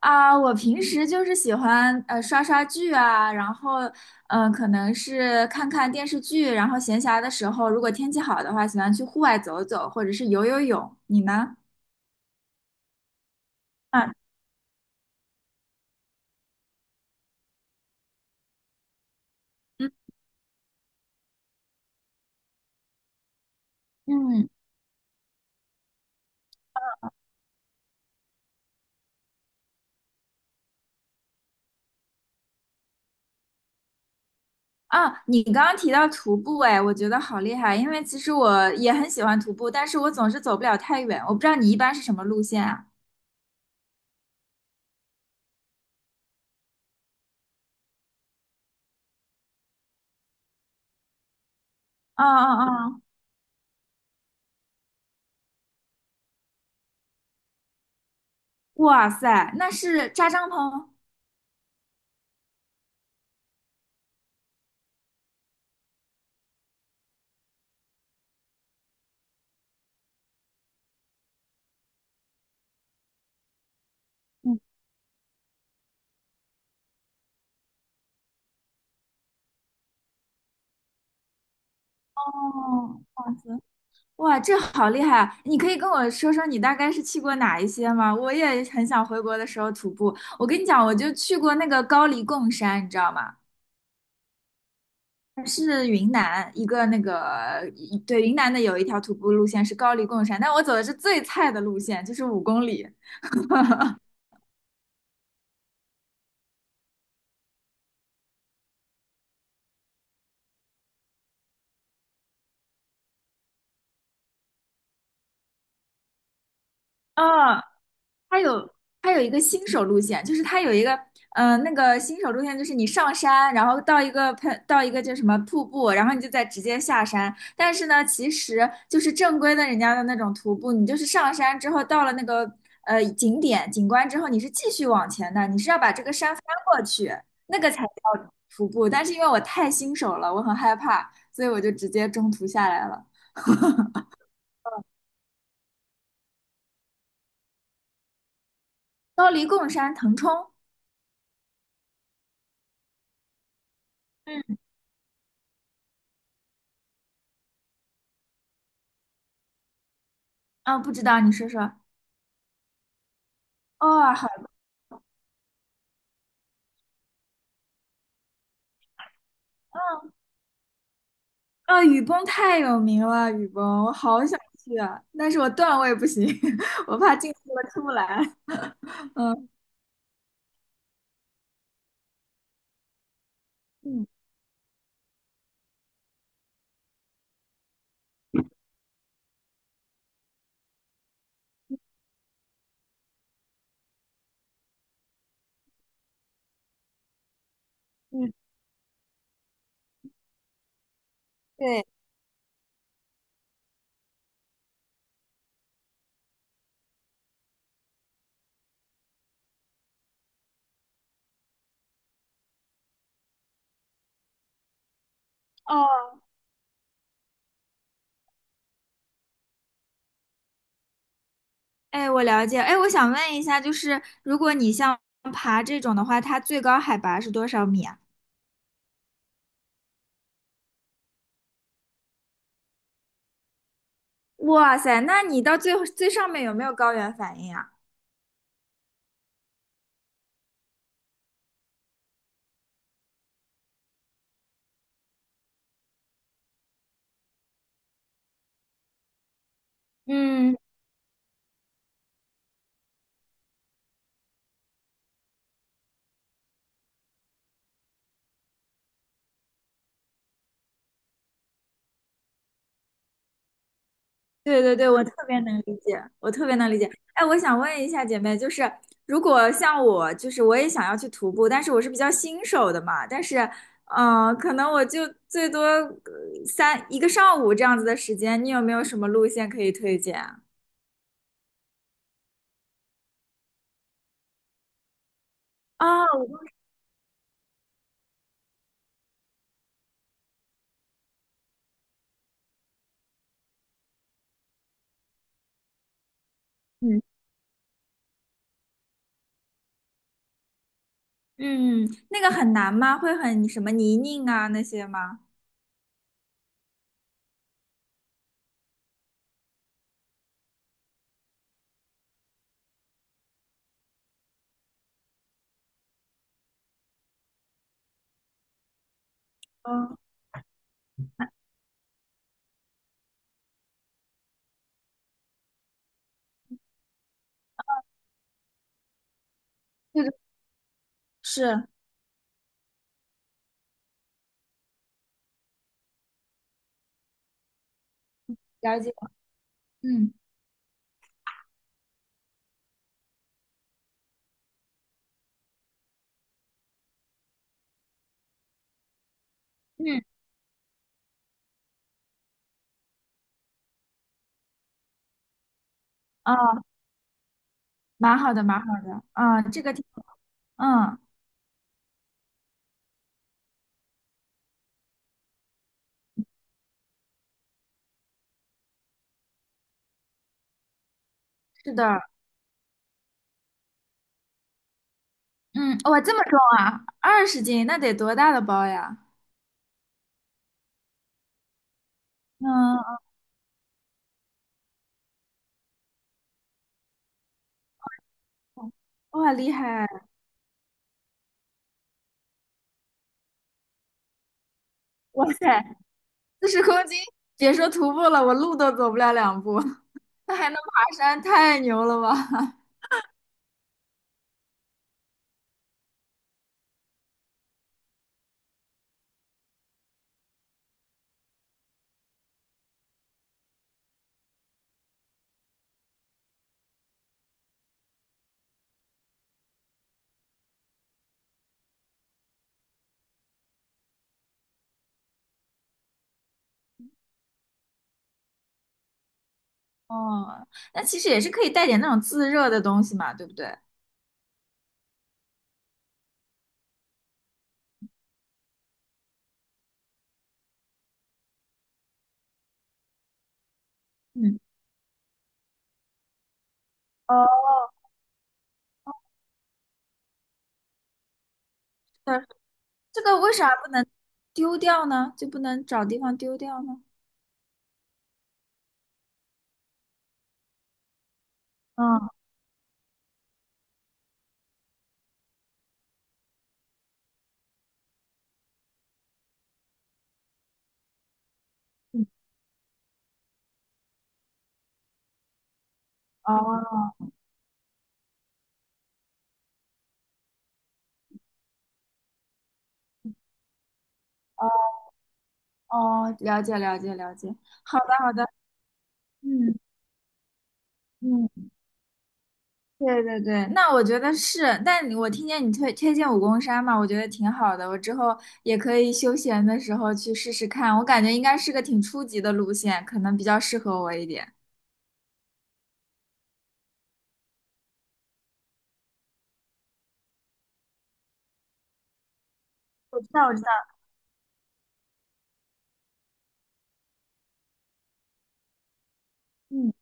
啊，我平时就是喜欢刷刷剧啊，然后可能是看看电视剧，然后闲暇的时候，如果天气好的话，喜欢去户外走走，或者是游游泳。你呢？啊，嗯嗯啊，你刚刚提到徒步，哎，我觉得好厉害，因为其实我也很喜欢徒步，但是我总是走不了太远。我不知道你一般是什么路线啊？啊啊啊！哇塞，那是扎帐篷？嗯，哦，好行。哇，这好厉害啊，你可以跟我说说你大概是去过哪一些吗？我也很想回国的时候徒步。我跟你讲，我就去过那个高黎贡山，你知道吗？是云南一个那个，一对，云南的有一条徒步路线是高黎贡山，但我走的是最菜的路线，就是5公里。嗯，它有它有一个新手路线，就是它有一个嗯，那个新手路线，就是你上山，然后到一个到一个叫什么瀑布，然后你就再直接下山。但是呢，其实就是正规的人家的那种徒步，你就是上山之后到了那个景点景观之后，你是继续往前的，你是要把这个山翻过去，那个才叫徒步。但是因为我太新手了，我很害怕，所以我就直接中途下来了。高黎贡山腾冲，嗯，啊，不知道，你说说。哦，好。的，啊，雨崩太有名了，雨崩，我好想去啊，但是我段位不行，我怕进去了出不来。嗯嗯，对，哦，哎，我了解。哎，我想问一下，就是如果你像爬这种的话，它最高海拔是多少米啊？哇塞，那你到最最上面有没有高原反应啊？嗯，对对对，我特别能理解，我特别能理解。哎，我想问一下姐妹，就是如果像我，就是我也想要去徒步，但是我是比较新手的嘛，但是，可能我就最多一个上午这样子的时间，你有没有什么路线可以推荐啊？哦，嗯嗯，那个很难吗？会很什么泥泞啊那些吗？嗯，这个是了解，嗯嗯，哦，蛮好的，蛮好的，啊、这个挺，嗯，是的。嗯，哇，这么重啊，20斤，那得多大的包呀？嗯，哇，厉害！哇塞，40公斤，别说徒步了，我路都走不了两步，那还能爬山，太牛了吧？哦，那其实也是可以带点那种自热的东西嘛，对不对？嗯，哦，对，这个为啥不能丢掉呢？就不能找地方丢掉呢？嗯，哦哦哦，了解了解了解，好的好的，嗯嗯，对对对，那我觉得是，但你我听见你推荐武功山嘛，我觉得挺好的，我之后也可以休闲的时候去试试看，我感觉应该是个挺初级的路线，可能比较适合我一点。我知道，我知道，嗯，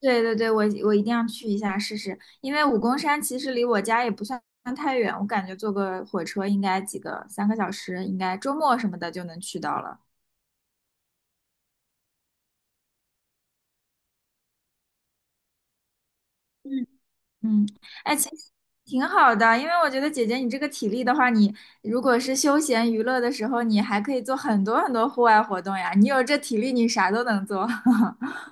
对对对，我一定要去一下试试，因为武功山其实离我家也不算太远，我感觉坐个火车应该几个，3个小时，应该周末什么的就能去到了。嗯。嗯，哎，其实挺好的，因为我觉得姐姐你这个体力的话，你如果是休闲娱乐的时候，你还可以做很多很多户外活动呀。你有这体力，你啥都能做。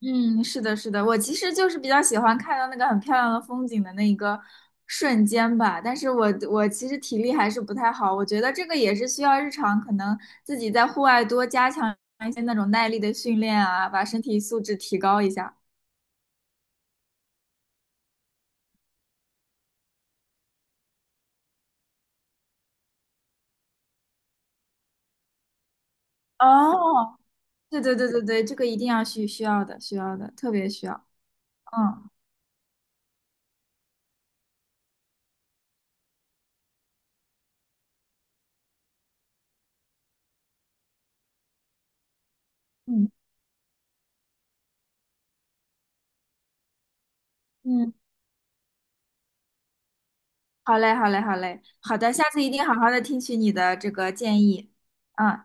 嗯，是的，是的，我其实就是比较喜欢看到那个很漂亮的风景的那一个瞬间吧，但是我其实体力还是不太好，我觉得这个也是需要日常可能自己在户外多加强一些那种耐力的训练啊，把身体素质提高一下。哦，对对对对对，这个一定要需要的，需要的，特别需要。嗯嗯嗯，好嘞，好嘞，好嘞，好的，下次一定好好的听取你的这个建议。嗯。